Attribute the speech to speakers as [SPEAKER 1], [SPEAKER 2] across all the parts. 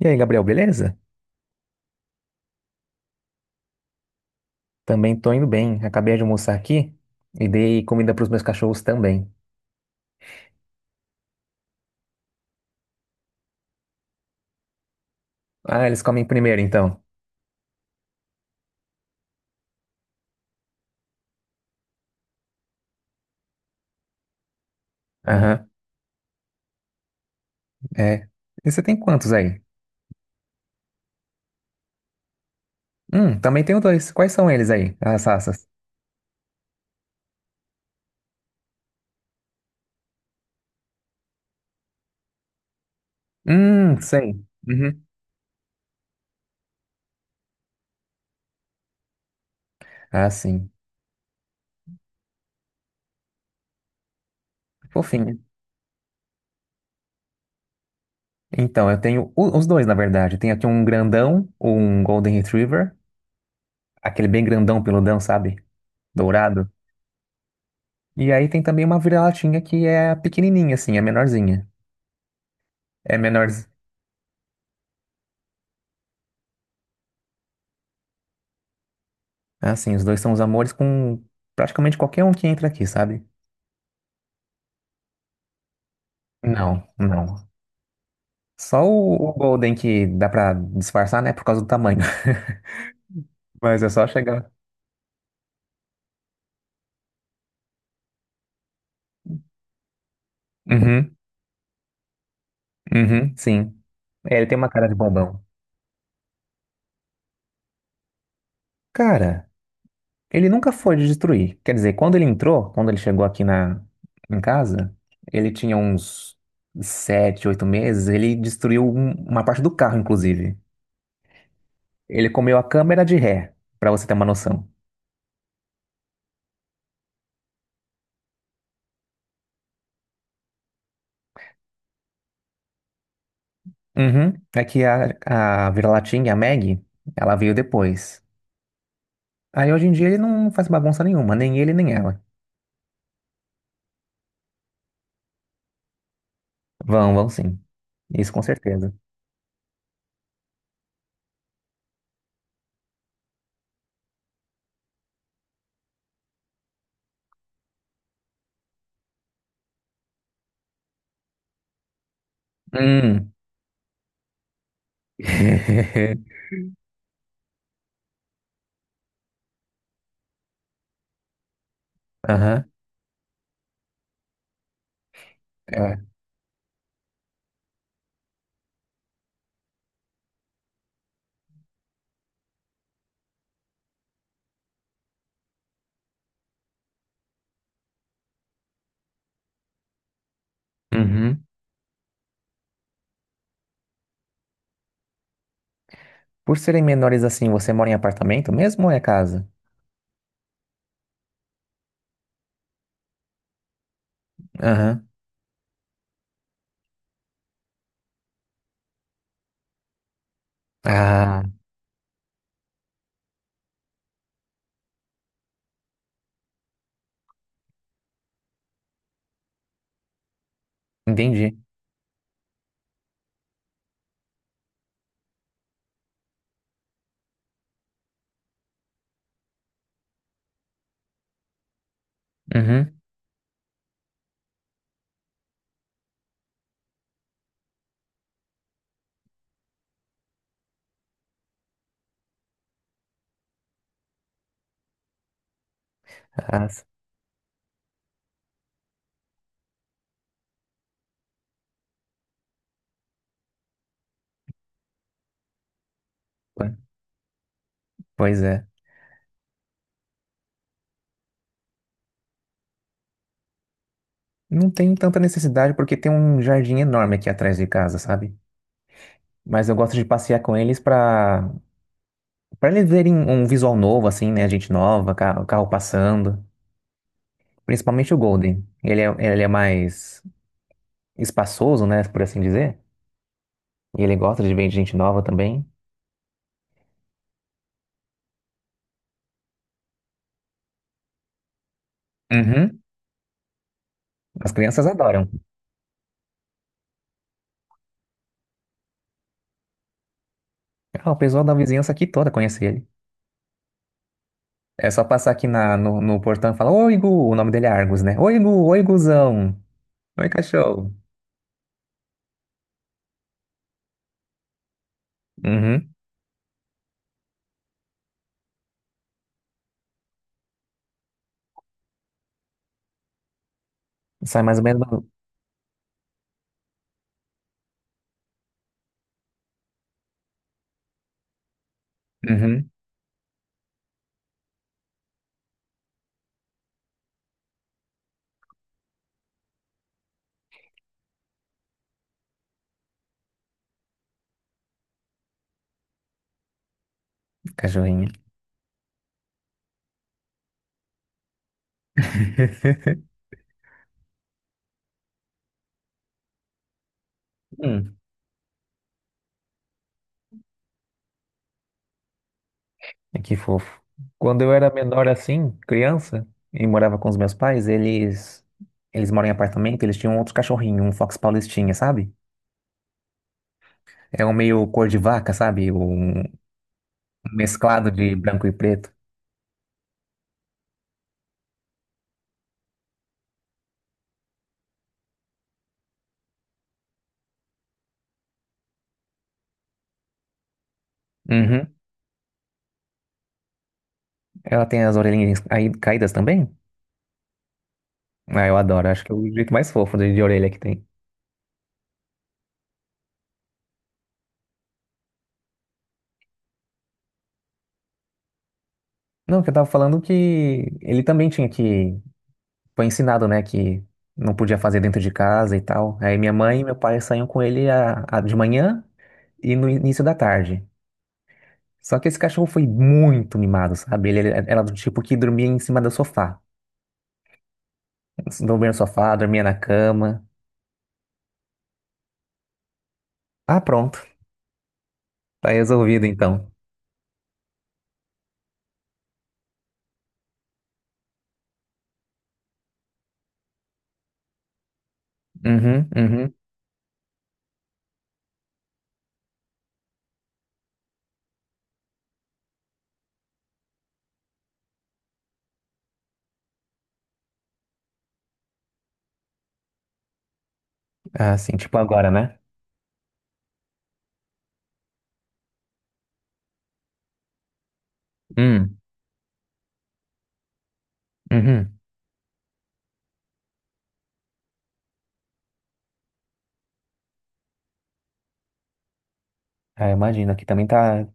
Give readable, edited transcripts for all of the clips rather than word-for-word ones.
[SPEAKER 1] E aí, Gabriel, beleza? Também tô indo bem. Acabei de almoçar aqui e dei comida pros meus cachorros também. Ah, eles comem primeiro, então. Aham, é. E você tem quantos aí? Também tenho dois. Quais são eles aí, as raças? Sei. Uhum. Ah, sim. Fofinho. Então, eu tenho os dois, na verdade. Tem aqui um grandão, um Golden Retriever, aquele bem grandão, peludão, sabe? Dourado. E aí tem também uma vira-latinha que é pequenininha, assim, é menorzinha. É menor. É, assim, os dois são os amores com praticamente qualquer um que entra aqui, sabe? Não, não. Só o Golden que dá pra disfarçar, né? Por causa do tamanho. Mas é só chegar. Uhum, uhum, sim. É, ele tem uma cara de bombão. Cara, ele nunca foi de destruir. Quer dizer, quando ele chegou aqui em casa, ele tinha uns 7, 8 meses, ele destruiu uma parte do carro, inclusive. Ele comeu a câmera de ré, pra você ter uma noção. Uhum. É que a vira-latinha, a Maggie, ela veio depois. Aí hoje em dia ele não faz bagunça nenhuma, nem ele nem ela. Vão, vão sim. Isso com certeza. Hum. Aham. É. Uhum. Por serem menores assim, você mora em apartamento mesmo ou é casa? Aham. Ah, entendi. Uhum. Ah, po- pois é. Não tem tanta necessidade porque tem um jardim enorme aqui atrás de casa, sabe? Mas eu gosto de passear com eles pra eles verem um visual novo, assim, né? Gente nova, o carro passando. Principalmente o Golden. Ele é mais espaçoso, né? Por assim dizer. E ele gosta de ver gente nova também. Uhum. As crianças adoram. Ah, o pessoal da vizinhança aqui toda conhece ele. É só passar aqui na, no, no portão e falar: Oi, Gu! O nome dele é Argus, né? Oi, Gu! Oi, Guzão! Oi, cachorro! Uhum. Sai mais ou menos. Uhum. Cachorrinho. E que fofo. Quando eu era menor assim, criança, e morava com os meus pais, eles moram em apartamento, eles tinham outro cachorrinho, um Fox Paulistinha, sabe? É um meio cor de vaca, sabe? Um mesclado de branco e preto. Uhum. Ela tem as orelhinhas aí caídas também? Ah, eu adoro, acho que é o jeito mais fofo de orelha que tem. Não, que eu tava falando que ele também tinha que. Foi ensinado, né, que não podia fazer dentro de casa e tal. Aí minha mãe e meu pai saíam com ele de manhã e no início da tarde. Só que esse cachorro foi muito mimado, sabe? Ele era do tipo que dormia em cima do sofá. Dormia no sofá, dormia na cama. Ah, pronto. Tá resolvido então. Uhum, uhum. Ah, sim, tipo agora, né? Hum, uhum. Ah, imagina, aqui também tá.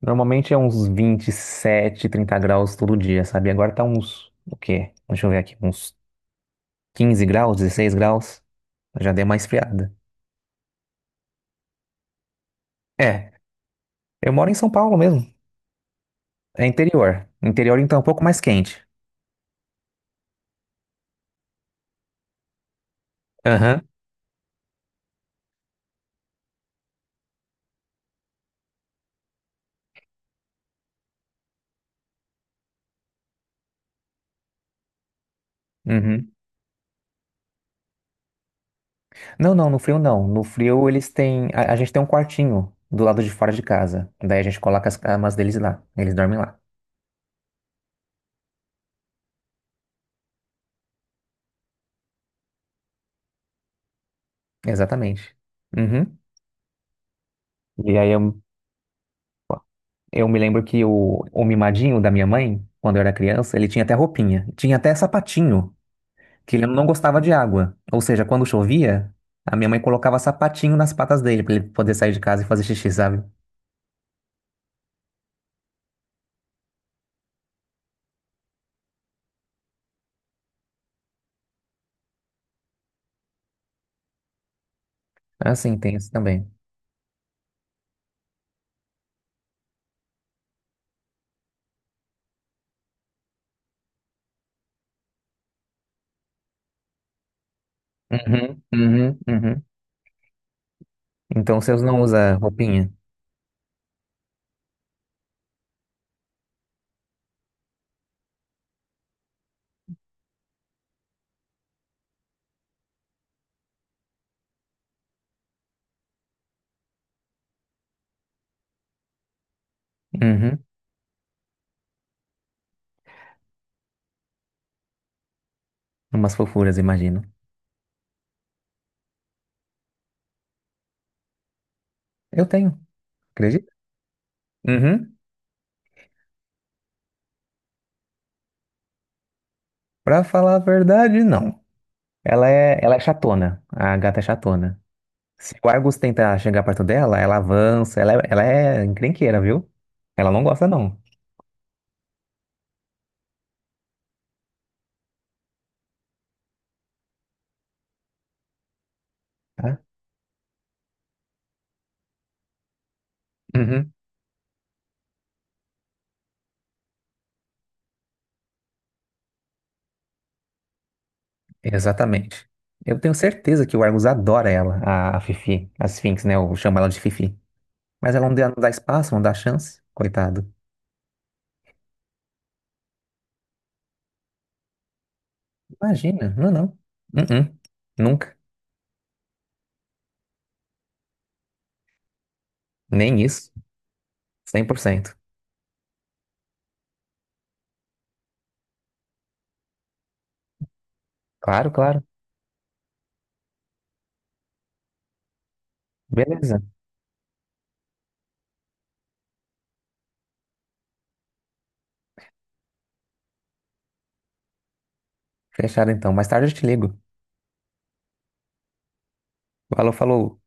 [SPEAKER 1] Normalmente é uns 27, 30 graus todo dia, sabe? Agora tá uns. O quê? Deixa eu ver aqui. Uns 15 graus, 16 graus. Já deu uma esfriada. É, eu moro em São Paulo mesmo. É interior. Interior então é um pouco mais quente. Aham. Uhum. Não, não, no frio não. No frio eles têm. A gente tem um quartinho do lado de fora de casa. Daí a gente coloca as camas deles lá. Eles dormem lá. Exatamente. Uhum. E aí eu me lembro que o mimadinho da minha mãe, quando eu era criança, ele tinha até roupinha. Tinha até sapatinho, que ele não gostava de água. Ou seja, quando chovia, a minha mãe colocava sapatinho nas patas dele pra ele poder sair de casa e fazer xixi, sabe? É, assim, tem isso também. Uhum, uhum, uhum. Então, vocês não usam roupinha? Uhum. Umas fofuras, imagino. Eu tenho, acredita? Uhum. Pra falar a verdade, não. Ela é chatona. A gata é chatona. Se o Argus tenta chegar perto dela, ela avança. Ela é encrenqueira, viu? Ela não gosta, não. Tá? Uhum. Exatamente. Eu tenho certeza que o Argus adora ela, a Fifi. A Sphinx, né? Eu chamo ela de Fifi. Mas ela não dá, não dá espaço, não dá chance. Coitado. Imagina. Não, não. Uh-uh. Nunca. Nem isso. 100%. Claro, claro. Beleza. Fechado então. Mais tarde eu te ligo. Falou, falou.